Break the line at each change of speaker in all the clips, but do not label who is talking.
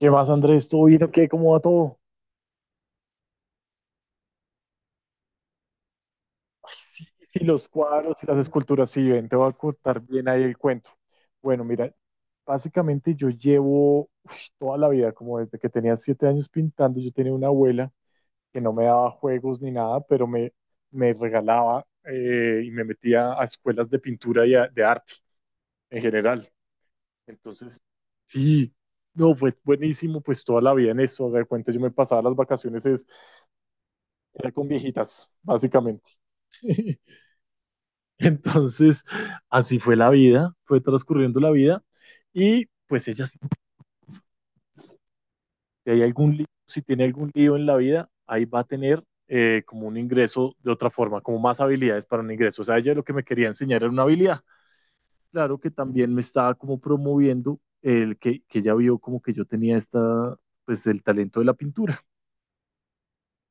¿Qué más, Andrés? ¿Todo bien o qué? ¿Cómo va todo? Ay, sí, sí, los cuadros y las esculturas, sí, ven, te voy a contar bien ahí el cuento. Bueno, mira, básicamente yo llevo uy, toda la vida, como desde que tenía siete años pintando. Yo tenía una abuela que no me daba juegos ni nada, pero me regalaba y me metía a escuelas de pintura y de arte en general. Entonces, sí, no, fue buenísimo, pues toda la vida en eso, de cuenta yo me pasaba las vacaciones, era con viejitas, básicamente. Entonces, así fue la vida, fue transcurriendo la vida y pues ella, si hay algún lío, si tiene algún lío en la vida, ahí va a tener como un ingreso de otra forma, como más habilidades para un ingreso. O sea, ella lo que me quería enseñar era una habilidad. Claro que también me estaba como promoviendo el que ella vio como que yo tenía esta, pues el talento de la pintura.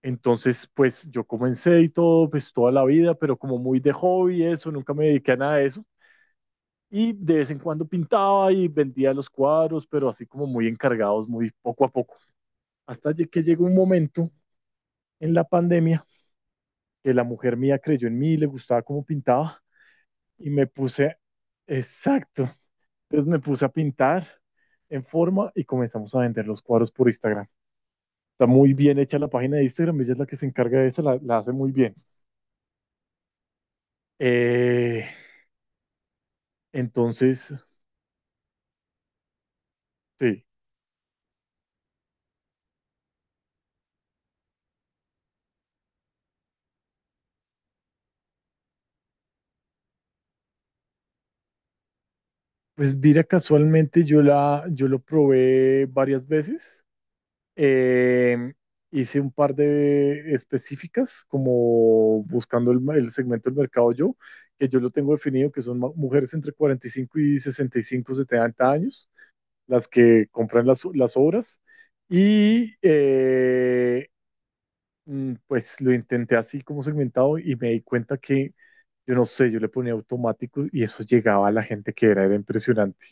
Entonces, pues yo comencé y todo, pues toda la vida, pero como muy de hobby, eso, nunca me dediqué a nada de eso. Y de vez en cuando pintaba y vendía los cuadros, pero así como muy encargados, muy poco a poco. Hasta que llegó un momento en la pandemia que la mujer mía creyó en mí, le gustaba cómo pintaba y me puse, exacto, entonces me puse a pintar en forma y comenzamos a vender los cuadros por Instagram. Está muy bien hecha la página de Instagram, ella es la que se encarga de eso, la hace muy bien. Eh, entonces, sí, pues mira, casualmente yo, la, yo lo probé varias veces. Eh, hice un par de específicas, como buscando el segmento del mercado yo, que yo lo tengo definido, que son mujeres entre 45 y 65, 70 años, las que compran las obras. Y pues lo intenté así como segmentado y me di cuenta que, yo no sé, yo le ponía automático y eso llegaba a la gente que era, era impresionante.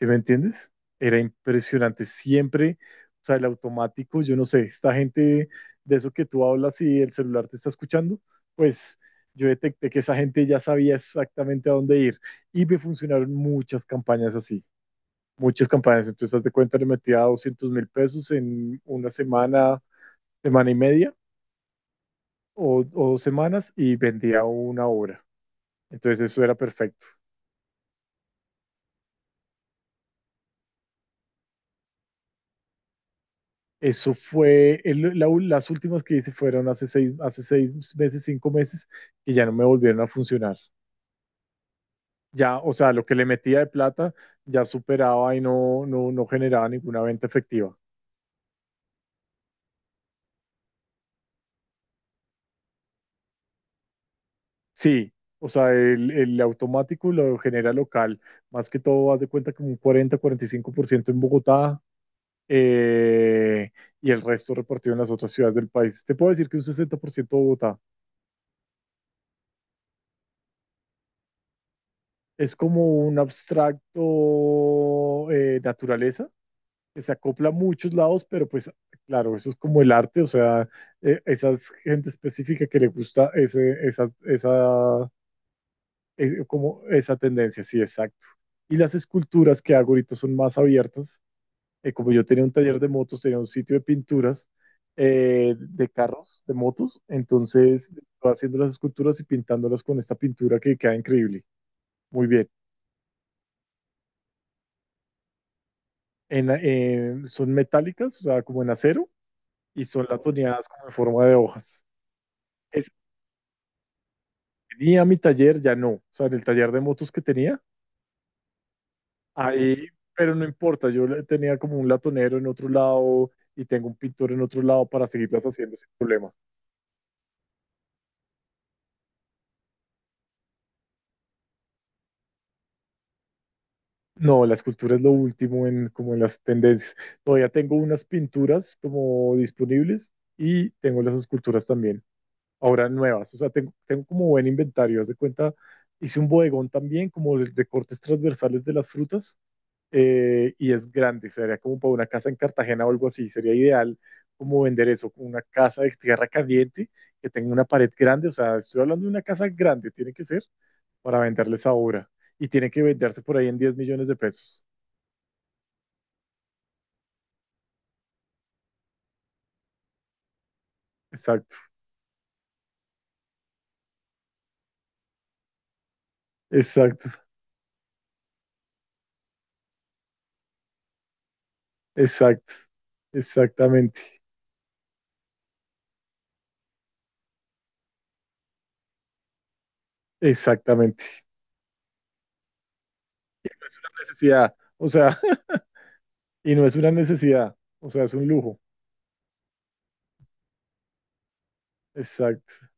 ¿Sí me entiendes? Era impresionante siempre, o sea, el automático, yo no sé, esta gente de eso que tú hablas y el celular te está escuchando, pues yo detecté que esa gente ya sabía exactamente a dónde ir y me funcionaron muchas campañas así, muchas campañas. Entonces, haz de cuenta, le metía 200 mil pesos en una semana, semana y media o dos semanas y vendía una obra. Entonces, eso era perfecto. Eso fue, las últimas que hice fueron hace seis meses, cinco meses, y ya no me volvieron a funcionar. Ya, o sea, lo que le metía de plata ya superaba y no, no, no generaba ninguna venta efectiva. Sí, o sea, el automático lo genera local. Más que todo, haz de cuenta como un cuarenta cuarenta y cinco por ciento en Bogotá eh, y el resto repartido en las otras ciudades del país. Te puedo decir que un 60% de Bogotá. Es como un abstracto naturaleza que se acopla a muchos lados, pero pues claro, eso es como el arte, o sea, esa es gente específica que le gusta ese, esa, como esa tendencia, sí, exacto. Y las esculturas que hago ahorita son más abiertas, como yo tenía un taller de motos, tenía un sitio de pinturas de carros, de motos, entonces estoy haciendo las esculturas y pintándolas con esta pintura que queda increíble, muy bien. Son metálicas, o sea, como en acero, y son latoneadas como en forma de hojas. Es tenía mi taller, ya no. O sea, en el taller de motos que tenía, ahí, pero no importa, yo tenía como un latonero en otro lado y tengo un pintor en otro lado para seguirlas haciendo sin problema. No, la escultura es lo último en como en las tendencias. Todavía tengo unas pinturas como disponibles y tengo las esculturas también, ahora nuevas. O sea, tengo como buen inventario. Haz de cuenta, hice un bodegón también como de cortes transversales de las frutas y es grande, sería como para una casa en Cartagena o algo así, sería ideal como vender eso, una casa de tierra caliente que tenga una pared grande, o sea, estoy hablando de una casa grande, tiene que ser para venderles ahora y tiene que venderse por ahí en diez millones de pesos. Exacto, exacto, exacto, exactamente, exactamente. Necesidad, o sea, y no es una necesidad, o sea, es un lujo. Exacto,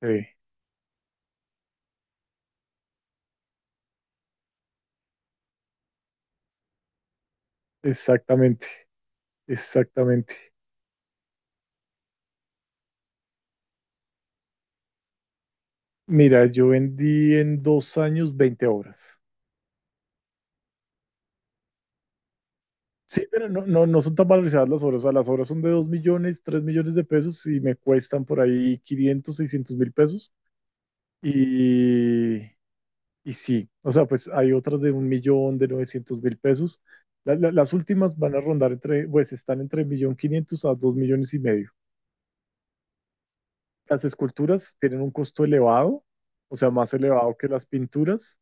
sí, exactamente, exactamente. Mira, yo vendí en dos años 20 obras. Sí, pero no, no, no son tan valorizadas las obras. O sea, las obras son de 2 millones, 3 millones de pesos y me cuestan por ahí 500, 600 mil pesos. Y, y sí, o sea, pues hay otras de un millón, de 900 mil pesos. Las últimas van a rondar entre, pues están entre un millón quinientos a 2 millones y medio. Las esculturas tienen un costo elevado, o sea, más elevado que las pinturas.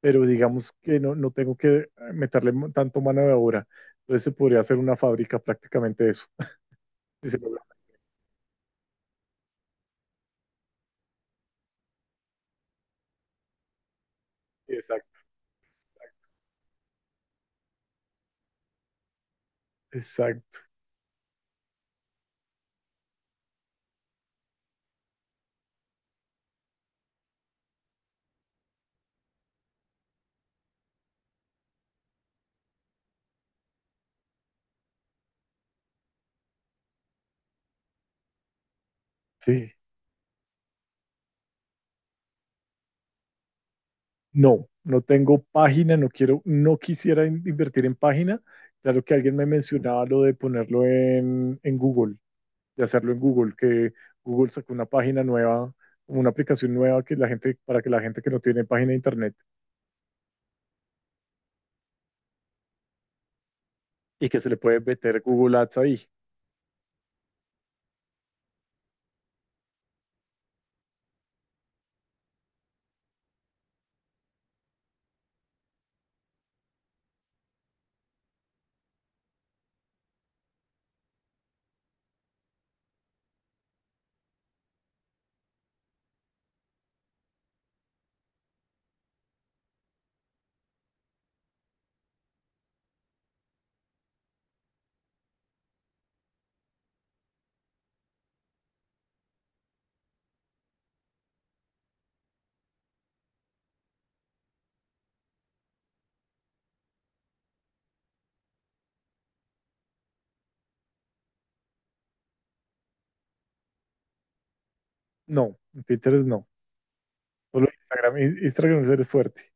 Pero digamos que no, no tengo que meterle tanto mano de obra. Entonces se podría hacer una fábrica prácticamente eso. Y se logra- Exacto, exacto. Sí. No, no tengo página, no quiero, no quisiera invertir en página. Claro que alguien me mencionaba lo de ponerlo en Google, de hacerlo en Google, que Google sacó una página nueva, una aplicación nueva que la gente, para que la gente que no tiene página de internet y que se le puede meter Google Ads ahí. No, en Pinterest no. Solo Instagram, Instagram es el fuerte.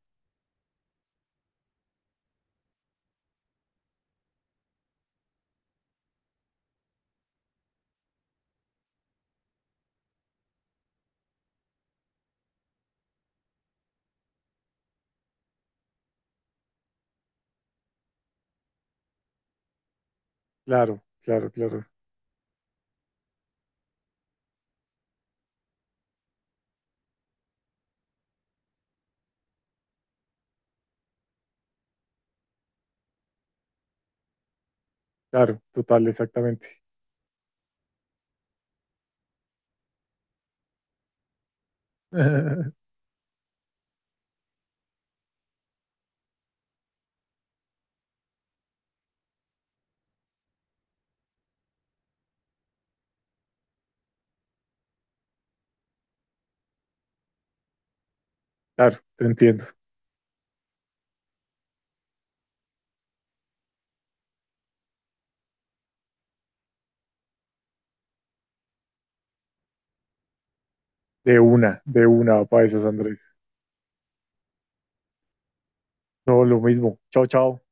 Claro, claro, total, exactamente. Claro, te entiendo. De una, para esas, Andrés. Todo lo mismo. Chao, chao.